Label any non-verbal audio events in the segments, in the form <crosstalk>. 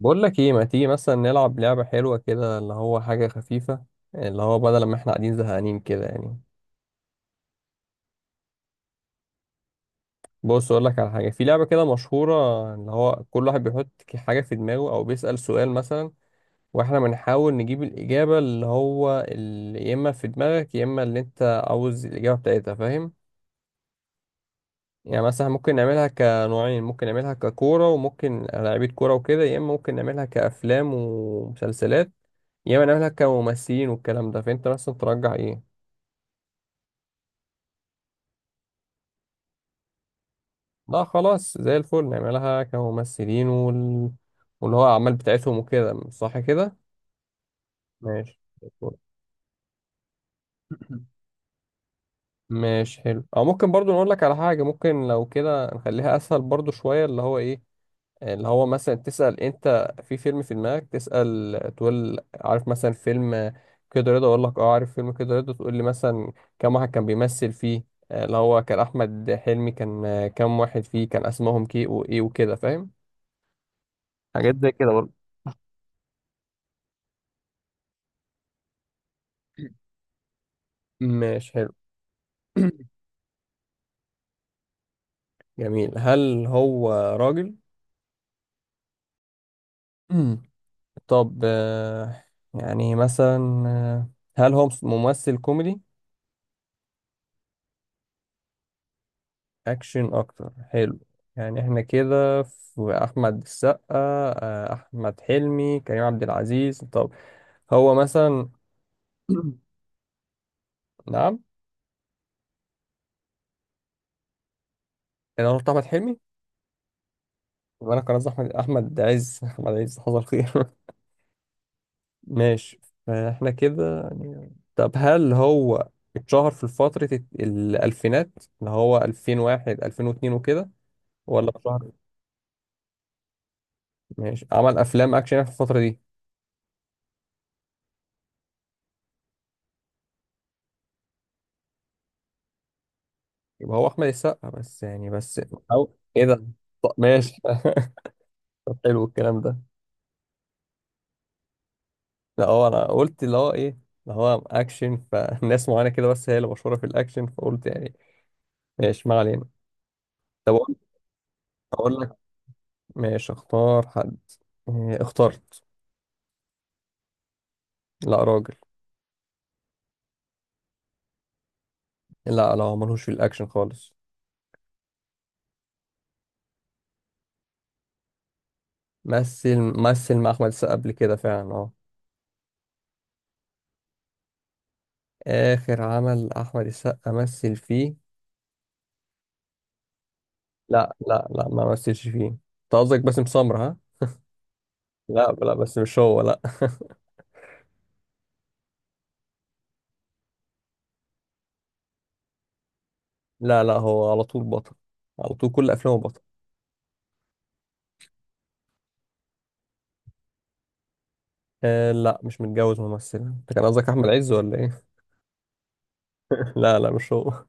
بقول لك ايه، ما تيجي مثلا نلعب لعبة حلوة كده؟ اللي هو حاجة خفيفة. اللي هو بدل ما احنا قاعدين زهقانين كده يعني. بص اقول لك على حاجة. في لعبة كده مشهورة اللي هو كل واحد بيحط حاجة في دماغه او بيسأل سؤال مثلا، واحنا بنحاول نجيب الإجابة اللي هو يا اما في دماغك يا اما اللي انت عاوز الإجابة بتاعتها. فاهم؟ يعني مثلا ممكن نعملها كنوعين. ممكن نعملها ككورة وممكن لعيبة كورة وكده، يا اما ممكن نعملها كأفلام ومسلسلات، يا اما نعملها كممثلين والكلام ده. فانت مثلا ترجح ايه؟ لا خلاص، زي الفل نعملها كممثلين واللي هو أعمال بتاعتهم وكده، صح كده. ماشي زي الفل. ماشي حلو. او ممكن برضو نقول لك على حاجه، ممكن لو كده نخليها اسهل برضو شويه. اللي هو ايه، اللي هو مثلا تسال انت في فيلم في دماغك، تسال تقول عارف مثلا فيلم كده رضا؟ اقول لك اه عارف فيلم كده رضا، تقول لي مثلا كم واحد كان بيمثل فيه. اللي هو كان احمد حلمي، كان كم واحد فيه كان اسمهم كي وايه وكده. فاهم؟ حاجات زي كده برضو. ماشي حلو. <clears throat> جميل. هل هو راجل؟ <clears throat> طب، يعني مثلا، آه، هل هو ممثل كوميدي؟ اكشن اكتر، حلو. يعني احنا كده في احمد السقا، احمد حلمي، كريم عبد العزيز. طب هو مثلا. <clears throat> نعم. انا قلت احمد حلمي، وانا كان قصدي احمد عز. <laughs> احمد عز، حصل خير. ماشي. فاحنا كده يعني. طب هل هو اتشهر في فترة الألفينات، اللي هو 2001 2002 وكده؟ ولا اتشهر؟ ماشي. عمل أفلام أكشن في الفترة دي. يبقى هو أحمد السقا بس يعني، بس أو إيه ده؟ طب ماشي. <laughs> طب حلو الكلام ده. لا، هو أنا قلت اللي هو إيه، اللي هو أكشن، فالناس معينة كده بس هي اللي مشهورة في الأكشن، فقلت يعني. ماشي، ما علينا. طب أقول، أقول لك. ماشي، اختار حد. إيه، اخترت. لا راجل. لا لا، هو ملهوش في الأكشن خالص. مثل مع أحمد السقا قبل كده فعلا، اه. آخر عمل أحمد السقا مثل فيه؟ لا لا لا، ما مثلش فيه. أنت قصدك باسم سمرة، ها؟ لا لا، بس مش هو، لا. لا لا، هو على طول بطل. على طول كل أفلامه بطل. آه لا، مش متجوز ممثل. أنت كان قصدك أحمد عز ولا إيه؟ <laughs> لا لا، مش هو.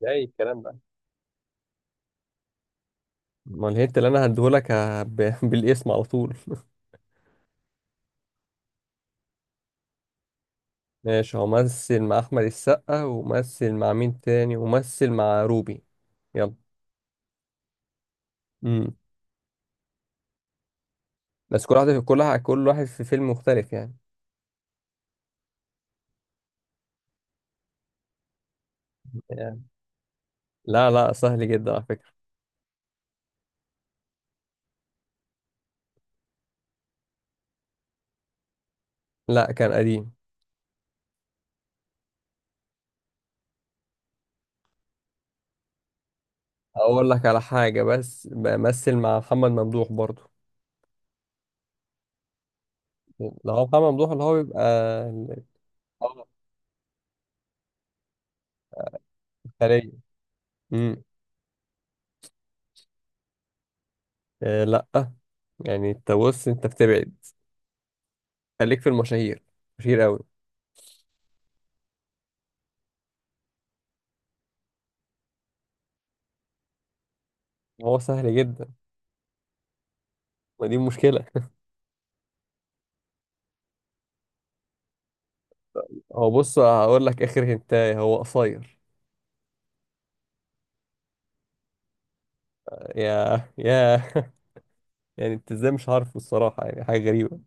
ده ايه الكلام ده؟ أمال الهنت اللي أنا هديهولك بالاسم على طول. ماشي، هو مثل مع احمد السقا، ومثل مع مين تاني، ومثل مع روبي. يلا. امم. بس كل واحد في فيلم مختلف يعني. يعني لا لا، سهل جدا على فكرة. لا كان قديم. اقول لك على حاجة، بس بمثل مع محمد ممدوح برضو. لا هو محمد ممدوح اللي هو بيبقى ال- اه الخلية. امم. آه لا. يعني انت بص، انت بتبعد. خليك في المشاهير، مشاهير قوي. هو سهل جدا. ما دي مشكلة. <laughs> هو بص، هقول لك اخر هنتايه، هو قصير. يا يا. <laughs> يعني انت ازاي مش عارفه الصراحة، يعني حاجة غريبة.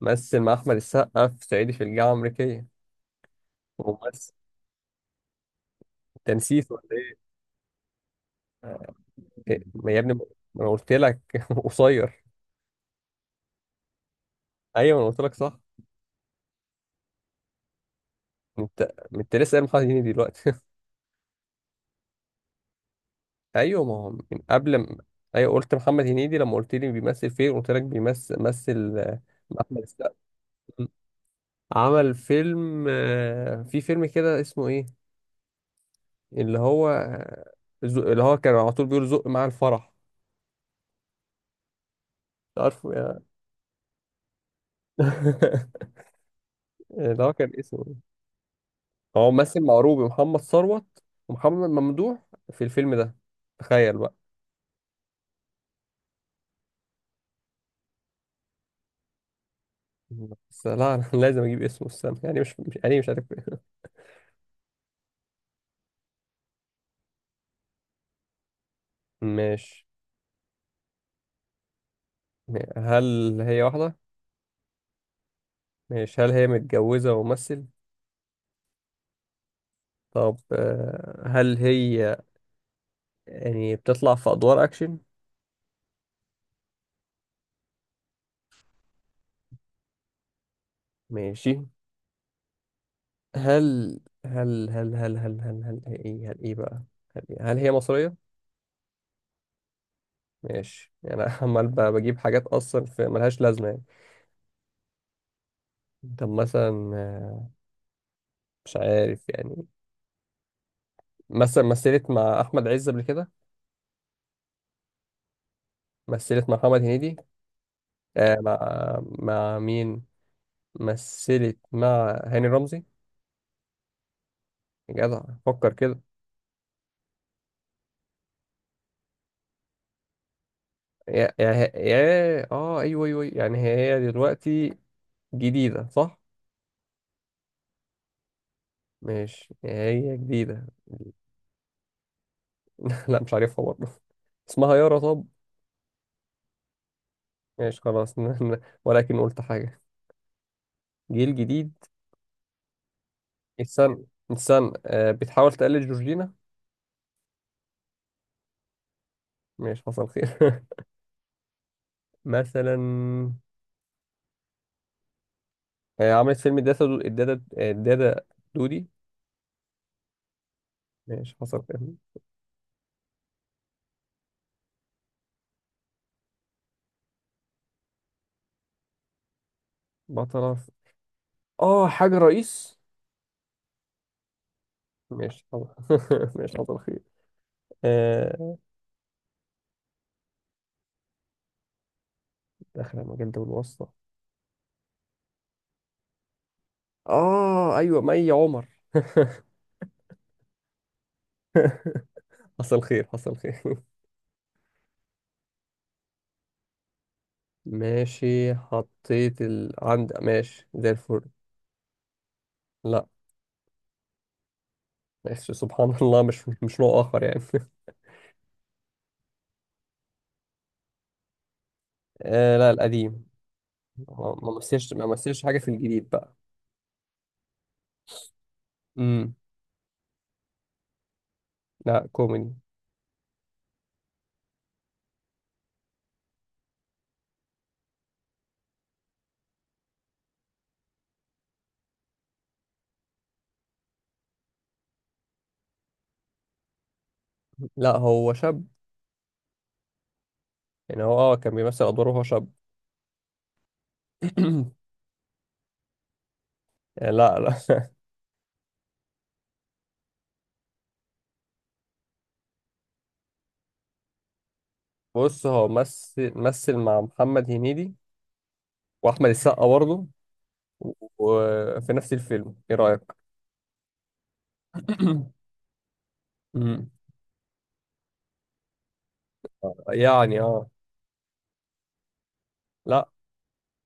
مثل مع أحمد السقا في صعيدي في الجامعة الأمريكية. ومثل، أنت نسيت ولا إيه؟ إيه، ما يا ابني، ما أنا قلت لك. <laughs> قصير. أيوه ما أنا قلت لك، صح. أنت أنت لسه قايل محمد هنيدي دلوقتي. <laughs> أيوه، ما هو من قبل ما. أيوه، قلت محمد هنيدي لما قلت لي بيمثل فين، قلت لك بيمثل مثل، مع أحمد السقا. عمل فيلم، في فيلم كده اسمه إيه؟ اللي هو اللي هو كان على طول بيقول زق مع الفرح. عارفه يا. <laughs> اللي هو كان اسمه إيه؟ هو ممثل مع روبي، محمد ثروت، ومحمد ممدوح في الفيلم ده. تخيل بقى. بس لا انا <laughs> لازم اجيب اسمه، استنى. يعني مش يعني مش عارف. <laughs> ماشي. هل هي واحدة؟ ماشي. هل هي متجوزة وممثل؟ طب، هل هي يعني بتطلع في أدوار أكشن؟ ماشي. هل هل هي إيه، هل إيه بقى؟ هل, إيه؟ هل هي مصرية؟ ماشي. يعني أنا <laughs> عمال بجيب حاجات اصلا في ملهاش لازمه يعني. طب مثلا، مش عارف يعني. مثلا مثلت مع احمد عز قبل كده؟ مثلت مع محمد هنيدي؟ مع مع مين؟ مثلت مع هاني رمزي؟ يا جدع، فكر كده. يا يا يا، اه، ايوه ايوه أيوة. يعني هي دلوقتي جديده، صح؟ مش هي جديده. <laughs> لا مش عارفها برضه. اسمها يارا؟ طب ماشي، خلاص. <laughs> ولكن قلت حاجه، جيل جديد. استنى، بتحاول تقلد جورجينا؟ ماشي، حصل خير. <laughs> مثلا، آه عملت فيلم الدادا دو... الدادا آه، الدادا دودي؟ ماشي حصل خير. بطلة اه حاجة رئيس؟ ماشي حصل. <laughs> ماشي حصل خير. آه. داخلة مجال ده بالواسطة. اه ايوه، مي عمر. <laughs> حصل خير، حصل خير. <laughs> ماشي، حطيت عند. ماشي، زي الفل. لا. ماشي، سبحان الله، مش نوع اخر يعني. <laughs> آه لا، القديم. ما مثلش حاجة في الجديد بقى. امم. لا كوميدي. لا هو شاب. يعني هو كان بيمثل أدواره وهو شاب. <clears throat> يعني لا لا. <laughs> بص، هو مثل مع محمد هنيدي وأحمد السقا برضه وفي نفس الفيلم، إيه رأيك؟ <clears throat> امم. يعني اه. لا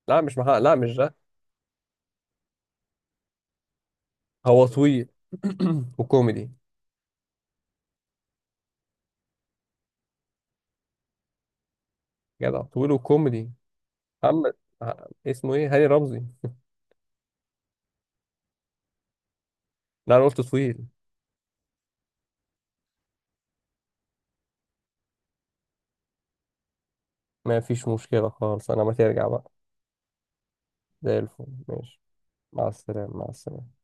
لا، مش محمد، لا مش ده. هو طويل <clears throat> وكوميدي. جدع طويل وكوميدي. محمد، اسمه ايه؟ هاني رمزي. <laughs> لا انا قلت طويل. ما فيش مشكلة خالص، انا ما ترجع بقى. زي الفل، ماشي. مع السلامة. مع السلامة،